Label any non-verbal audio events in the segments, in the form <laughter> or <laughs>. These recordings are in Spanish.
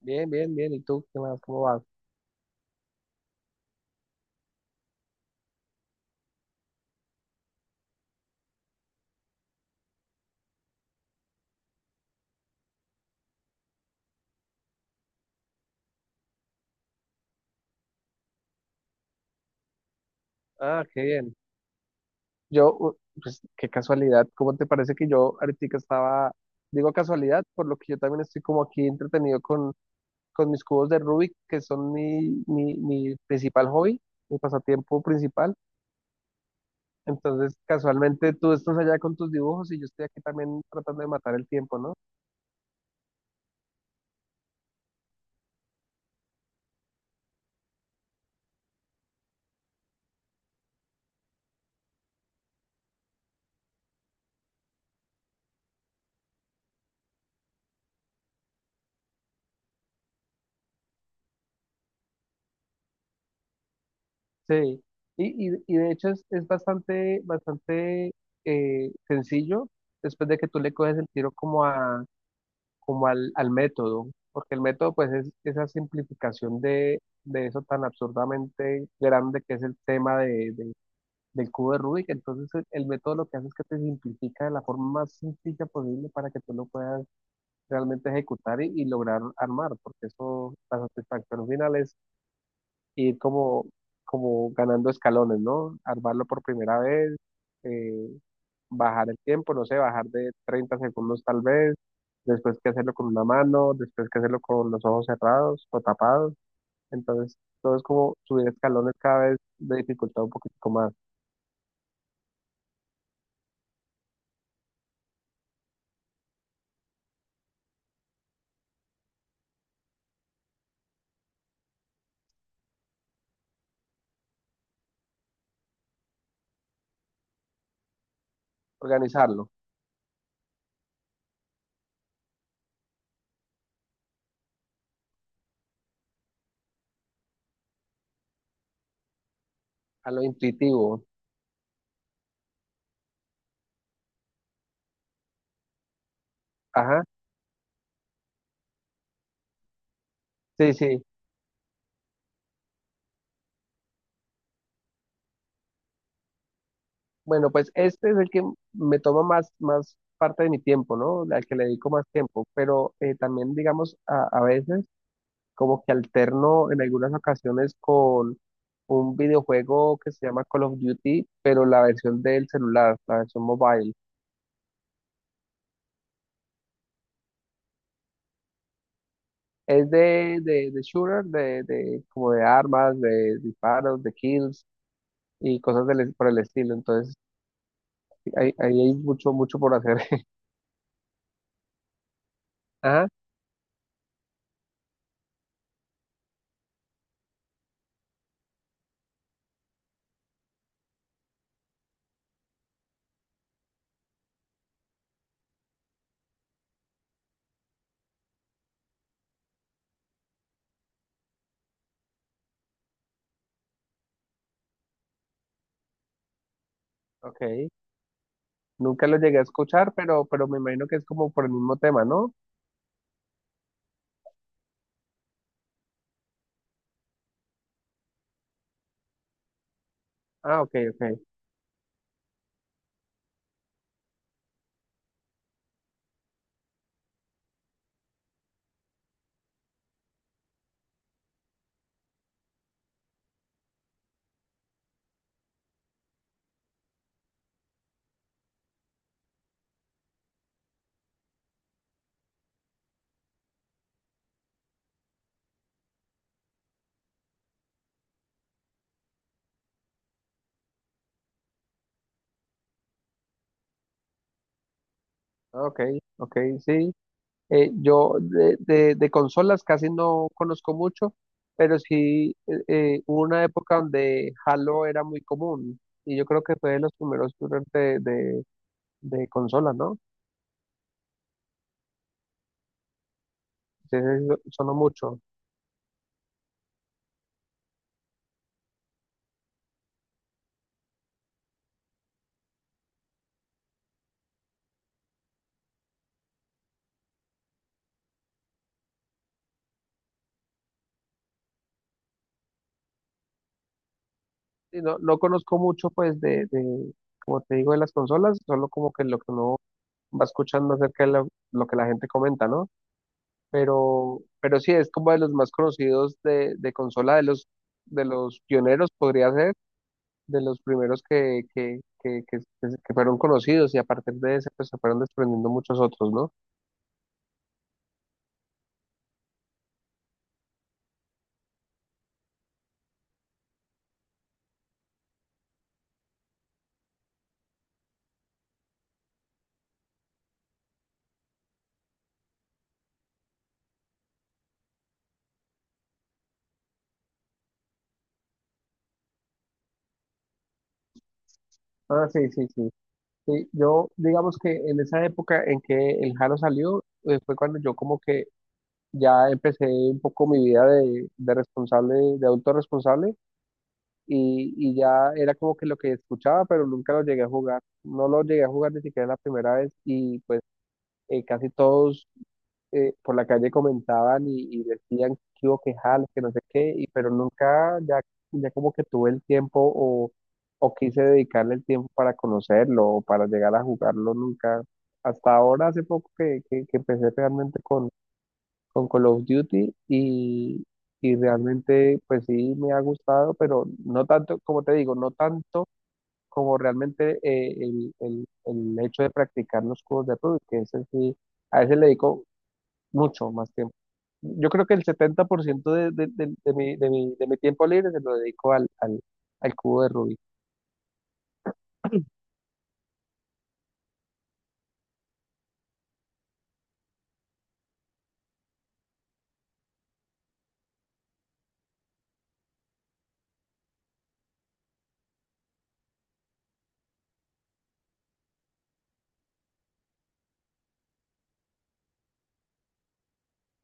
Bien, bien, bien. ¿Y tú qué más? ¿Cómo vas? Ah, qué bien. Yo, u- pues qué casualidad. ¿Cómo te parece que yo ahorita estaba, digo casualidad, por lo que yo también estoy como aquí entretenido con mis cubos de Rubik, que son mi principal hobby, mi pasatiempo principal. Entonces, casualmente tú estás allá con tus dibujos y yo estoy aquí también tratando de matar el tiempo, ¿no? Sí. Y de hecho es bastante, bastante sencillo después de que tú le coges el tiro como al método, porque el método pues es esa simplificación de eso tan absurdamente grande que es el tema del cubo de Rubik. Entonces el método lo que hace es que te simplifica de la forma más sencilla posible para que tú lo puedas realmente ejecutar y lograr armar, porque eso, la satisfacción final es ir como ganando escalones, ¿no? Armarlo por primera vez. eh, Bajar el tiempo, no sé, bajar de 30 segundos tal vez, después que hacerlo con una mano, después que hacerlo con los ojos cerrados o tapados. Entonces, todo es como subir escalones cada vez de dificultad un poquito más. Organizarlo. A lo intuitivo. Ajá, sí, sí. Bueno, pues este es el que me toma más parte de mi tiempo, ¿no? Al que le dedico más tiempo, pero también, digamos, a veces como que alterno en algunas ocasiones con un videojuego que se llama Call of Duty, pero la versión del celular, la versión mobile. Es de shooter, como de armas, de disparos, de kills y cosas por el estilo. Entonces, ahí hay mucho, mucho por hacer. <laughs> Ajá, ok. Nunca lo llegué a escuchar, pero me imagino que es como por el mismo tema, ¿no? Ah, ok, ok. Ah, ok, ok, sí. Yo de consolas casi no conozco mucho, pero sí hubo una época donde Halo era muy común y yo creo que fue de los primeros shooters de consolas, ¿no? Entonces eso sonó mucho. Y no conozco mucho pues como te digo, de las consolas, solo como que lo que uno va escuchando acerca de lo que la gente comenta, ¿no? Pero sí, es como de los más conocidos de consola, de los pioneros, podría ser de los primeros que fueron conocidos y a partir de ese pues se fueron desprendiendo muchos otros, ¿no? Ah, sí, sí, sí. Sí, yo digamos que en esa época en que el Jaro salió, fue cuando yo como que ya empecé un poco mi vida de responsable, de adulto responsable y ya era como que lo que escuchaba, pero nunca lo llegué a jugar. No lo llegué a jugar ni siquiera la primera vez y pues casi todos por la calle comentaban y decían que hubo que jales, que no sé qué, pero nunca ya como que tuve el tiempo o quise dedicarle el tiempo para conocerlo o para llegar a jugarlo nunca. Hasta ahora, hace poco que empecé realmente con Call of Duty y realmente pues sí me ha gustado, pero no tanto, como te digo, no tanto como realmente el hecho de practicar los juegos de rol, que ese sí, a ese le dedico mucho más tiempo yo creo que el 70% de mi tiempo libre se lo dedico al cubo de Rubik.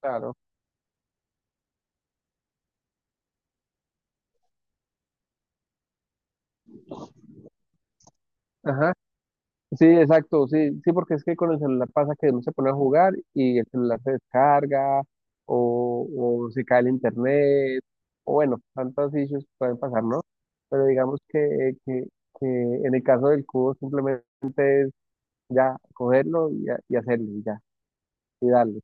Claro. Ajá. Sí, exacto. Sí, sí, porque es que con el celular pasa que uno se pone a jugar y el celular se descarga o, o se cae el internet. O bueno, tantos issues que pueden pasar, ¿no? Pero digamos que en el caso del cubo simplemente es ya cogerlo y hacerlo y ya, y darle.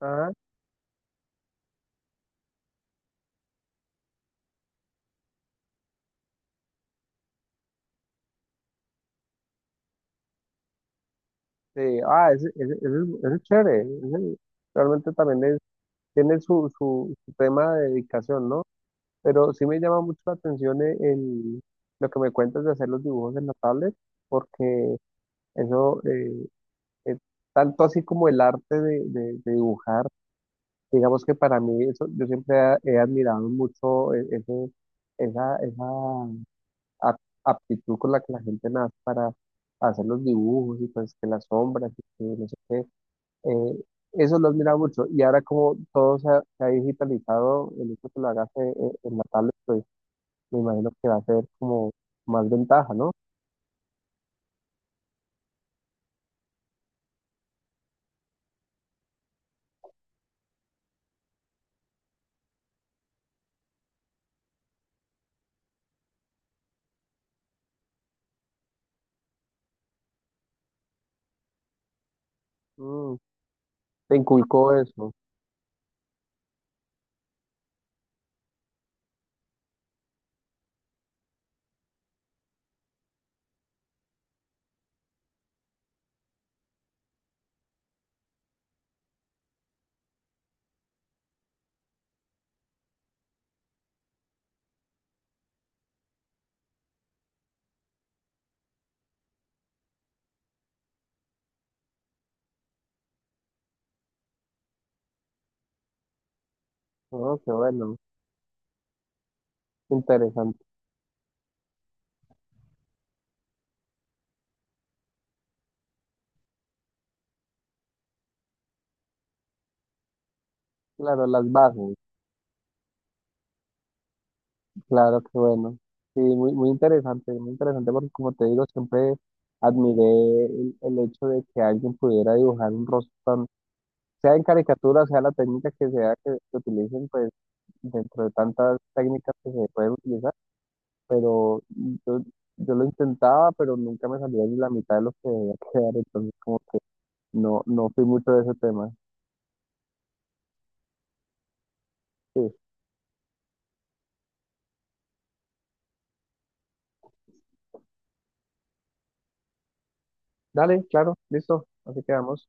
Ajá. Sí, ah, ese es chévere, ese realmente también tiene su tema de dedicación, ¿no? Pero sí me llama mucho la atención lo que me cuentas de hacer los dibujos en la tablet, porque eso, es tanto así como el arte de dibujar, digamos que para mí, eso, yo siempre he admirado mucho esa aptitud con la que la gente nace para hacer los dibujos y pues que las sombras y que no sé qué. Eh, Eso lo admira mucho. Y ahora como todo se ha digitalizado, el hecho que lo hagas en la tablet, pues me imagino que va a ser como más ventaja, ¿no? Mm, te inculcó eso. Oh, qué bueno. Interesante. Claro, las bases. Claro, qué bueno. Sí, muy, muy interesante porque como te digo, siempre admiré el hecho de que alguien pudiera dibujar un rostro sea en caricatura, sea la técnica que sea que se utilicen, pues dentro de tantas técnicas que se pueden utilizar pero yo, yo lo intentaba, pero nunca me salía ni la mitad de lo que debía quedar, entonces como que no fui mucho de ese tema. Sí, dale, claro, listo, así quedamos.